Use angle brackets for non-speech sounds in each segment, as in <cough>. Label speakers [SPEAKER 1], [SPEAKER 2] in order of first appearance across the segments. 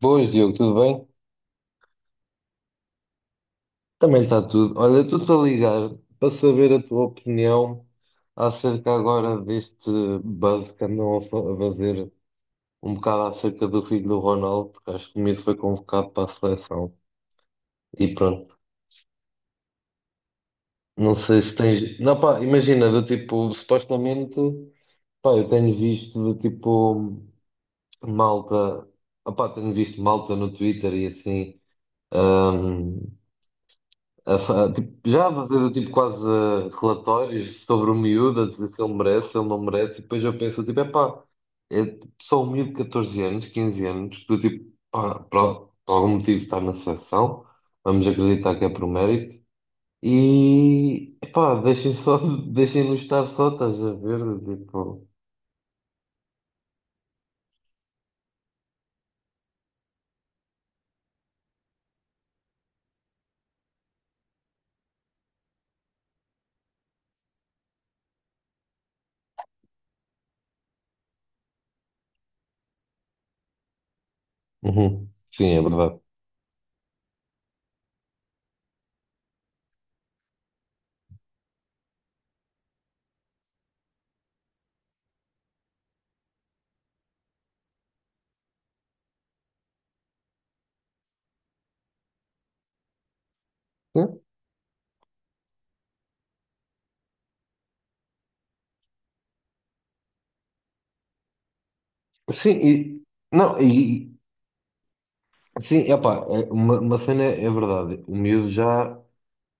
[SPEAKER 1] Boas, Diogo, tudo bem? Também está tudo. Olha, estou-te a ligar para saber a tua opinião acerca agora deste buzz que andam a fazer um bocado acerca do filho do Ronaldo, porque acho que o miúdo foi convocado para a seleção. E pronto, não sei se tens. Não, pá, imagina, do tipo, supostamente, pá, eu tenho visto do tipo malta, opá, tenho visto malta no Twitter e assim. hum, tipo, já a fazer tipo, quase relatórios sobre o miúdo, a dizer se ele merece, se ele não merece, e depois eu penso, tipo, epá, é tipo, só um miúdo de 14 anos, 15 anos, que tu, tipo, pá, por algum motivo está na seleção, vamos acreditar que é por mérito, e, epá, deixem só, <laughs> deixem-nos estar só, estás a ver, tipo... Uhum. Sim, é verdade. Sim, e, não, e, sim, epá, é, uma cena é verdade, o miúdo já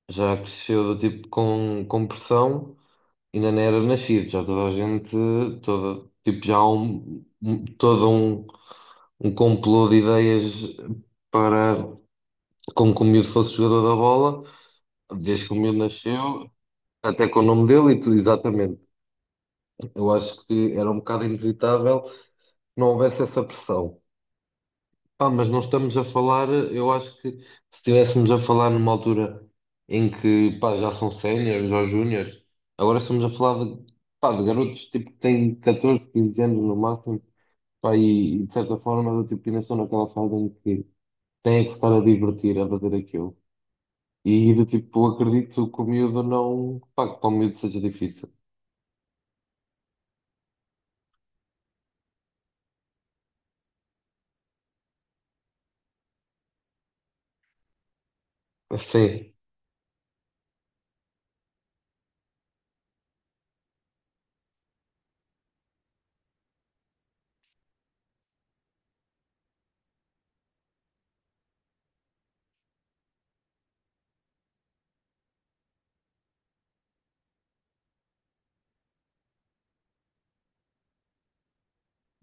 [SPEAKER 1] já cresceu do tipo com pressão, ainda não era nascido, já toda a gente, toda, tipo, já há todo um complô de ideias para como que o miúdo fosse jogador da bola, desde que o miúdo nasceu, até com o nome dele e tudo, exatamente. Eu acho que era um bocado inevitável que não houvesse essa pressão. Ah, mas não estamos a falar, eu acho que se estivéssemos a falar numa altura em que, pá, já são séniores ou júniores, agora estamos a falar de, pá, de garotos tipo que têm 14, 15 anos no máximo, pá, e de certa forma do tipo ainda estão naquela fase em que têm que se estar a divertir, a fazer aquilo. E do tipo, acredito que o miúdo não, pá, que para o miúdo seja difícil. Sim,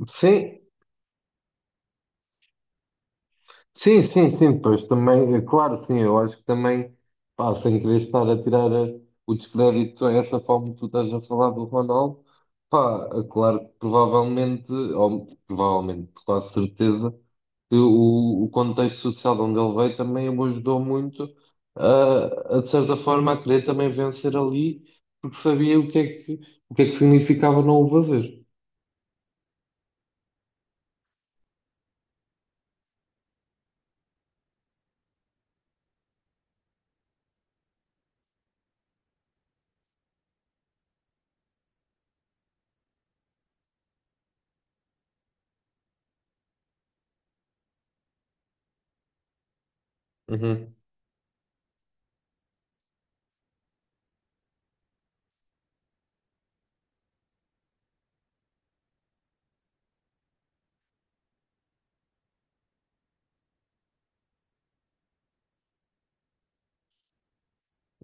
[SPEAKER 1] sim, sim, sim, sim, depois também, é claro, sim, eu acho que também, pá, sem querer estar a tirar o descrédito a essa forma que tu estás a falar do Ronaldo, pá, é claro que provavelmente, ou provavelmente, quase certeza, que o contexto social de onde ele veio também o ajudou muito a, de certa forma, a querer também vencer ali, porque sabia o que é que, o que é que significava não o fazer. Uhum,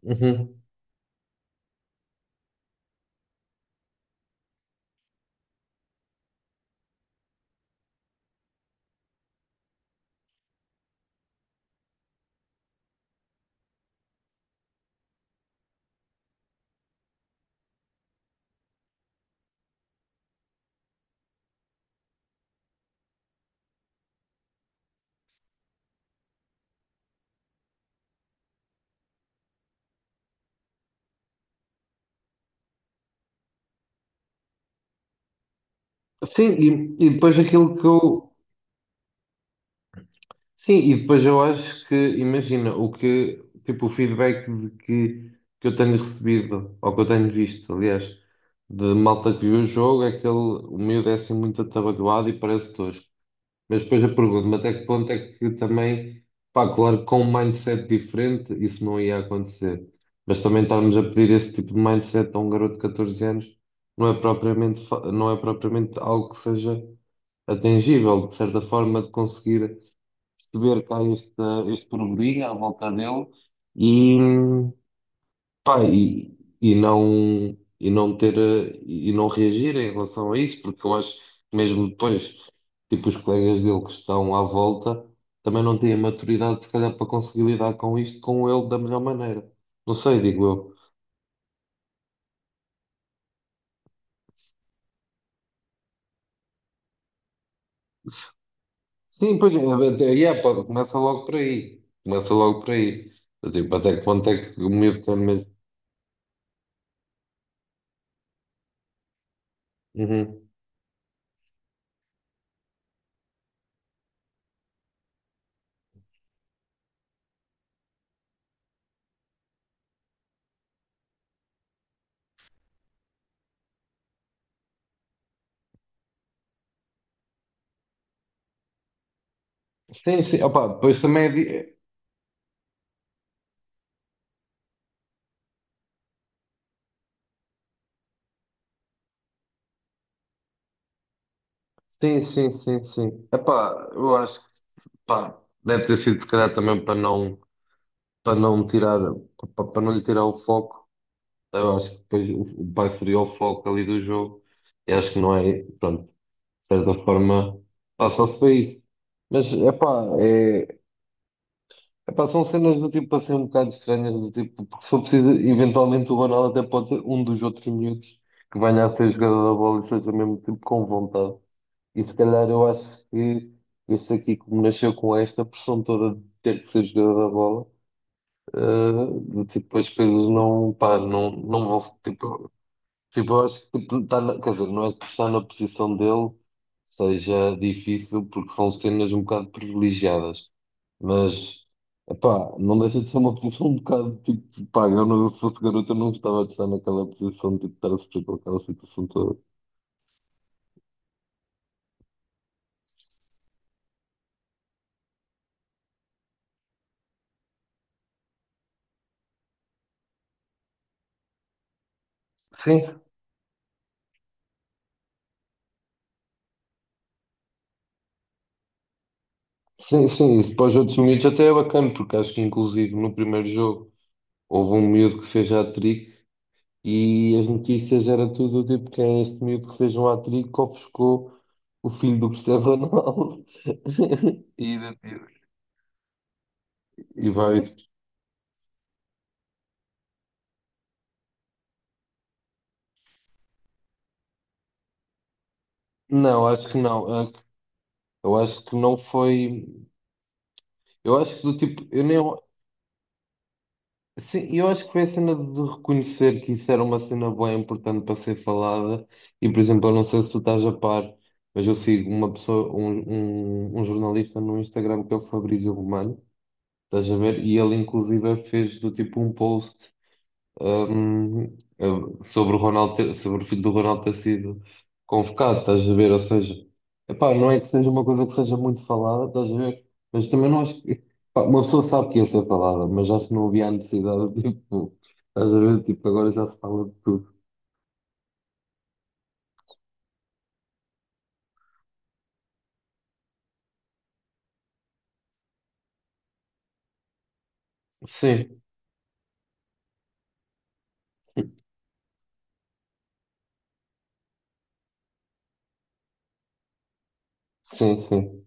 [SPEAKER 1] uhum. Sim, e depois aquilo que eu, sim, e depois eu acho que, imagina, o que, tipo, o feedback de que eu tenho recebido, ou que eu tenho visto, aliás, de malta que viu o jogo, é que ele, o miúdo é assim muito atabalhoado e parece tosco. Mas depois eu pergunto-me até que ponto é que também, pá, claro, que com um mindset diferente isso não ia acontecer. Mas também estarmos a pedir esse tipo de mindset a um garoto de 14 anos não é propriamente, não é propriamente algo que seja atingível, de certa forma, de conseguir perceber que há este burburinho à volta dele e, pá, e não ter, e não reagir em relação a isso, porque eu acho que mesmo depois, tipo, os colegas dele que estão à volta também não têm a maturidade, se calhar, para conseguir lidar com isto com ele da melhor maneira. Não sei, digo eu. Sim, pois, é, pá, começa logo por aí. Começa logo por aí. Tipo, até que ponto é que o miúdo quer mesmo. Uhum. Sim, sim, opa, pois também é. di- Sim, sim, sim, sim. Epá, eu acho que pá, deve ter sido se calhar também para não tirar, para não lhe tirar o foco. Eu acho que depois o pai seria o foco ali do jogo. E acho que não é, pronto, de certa forma, pá, só se foi isso. Mas epá, é, epá, são cenas do tipo assim um bocado estranhas, do tipo, porque se for preciso, eventualmente o Banal até pode ter um dos outros miúdos que venha a ser jogador da bola e seja mesmo tipo com vontade. E se calhar eu acho que este aqui, como nasceu com esta pressão toda de ter que ser jogador da bola, tipo, as coisas não, pá, não vão se, tipo, tipo, eu acho que tipo, quer dizer, não é que estar na posição dele seja difícil, porque são cenas um bocado privilegiadas, mas, pá, não deixa de ser uma posição um bocado, tipo, pá, eu não, se fosse garoto eu não gostava de estar naquela posição, tipo, de estar a sofrer com aquela situação toda. Sim, sim, sim, isso para os outros miúdos até é bacana, porque acho que inclusive no primeiro jogo houve um miúdo que fez hat-trick e as notícias era tudo tipo quem é este miúdo que fez um hat-trick que ofuscou o filho do Cristiano Ronaldo. <laughs> E, e vai. Não, acho que não. Eu acho que não foi. Eu acho que do tipo, eu nem. Sim, eu acho que foi a cena de reconhecer que isso era uma cena bem importante para ser falada. E, por exemplo, eu não sei se tu estás a par, mas eu sigo uma pessoa, um jornalista no Instagram que é o Fabrício Romano, estás a ver? E ele, inclusive, fez do tipo um post sobre o filho do Ronaldo ter sido convocado, estás a ver? Ou seja, epá, não é que seja uma coisa que seja muito falada, estás a ver? Mas também não acho que, pá, uma pessoa sabe que ia ser falada, mas acho que não havia a necessidade, <laughs> tipo, estás a ver? Tipo, agora já se fala de tudo. Sim, sim, sim.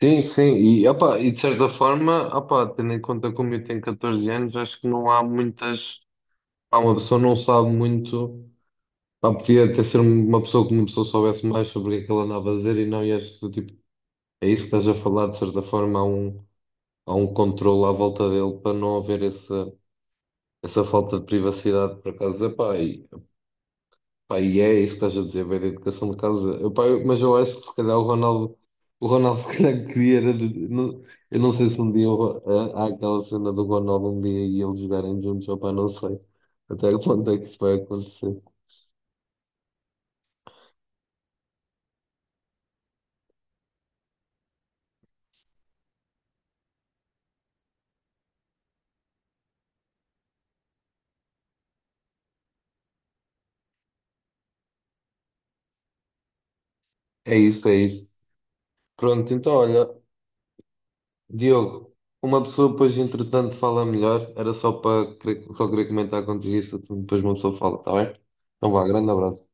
[SPEAKER 1] Sim, sim. E, opá, e de certa forma, opá, tendo em conta como eu tenho 14 anos, acho que não há muitas. Pá, uma pessoa não sabe muito. Pá, podia até ser um, uma pessoa que uma pessoa soubesse mais sobre o que é que ele andava a dizer e não ias, tipo, é isso que estás a falar, de certa forma, há um controle à volta dele para não haver essa falta de privacidade, por acaso, epá, e, epá, e é isso que estás a dizer, bem, da educação de casa, epá, mas eu acho que se calhar o Ronaldo, <laughs> se calhar queria, era de- não- eu não sei se um dia há aquela cena do Ronaldo um dia e eles jogarem juntos, opá, não sei até quando é que isso vai acontecer. É isso, é isso. Pronto, então olha. Diogo, uma pessoa depois entretanto fala melhor, era só só querer comentar contigo isso, depois uma pessoa fala, está bem? Então vá, grande abraço.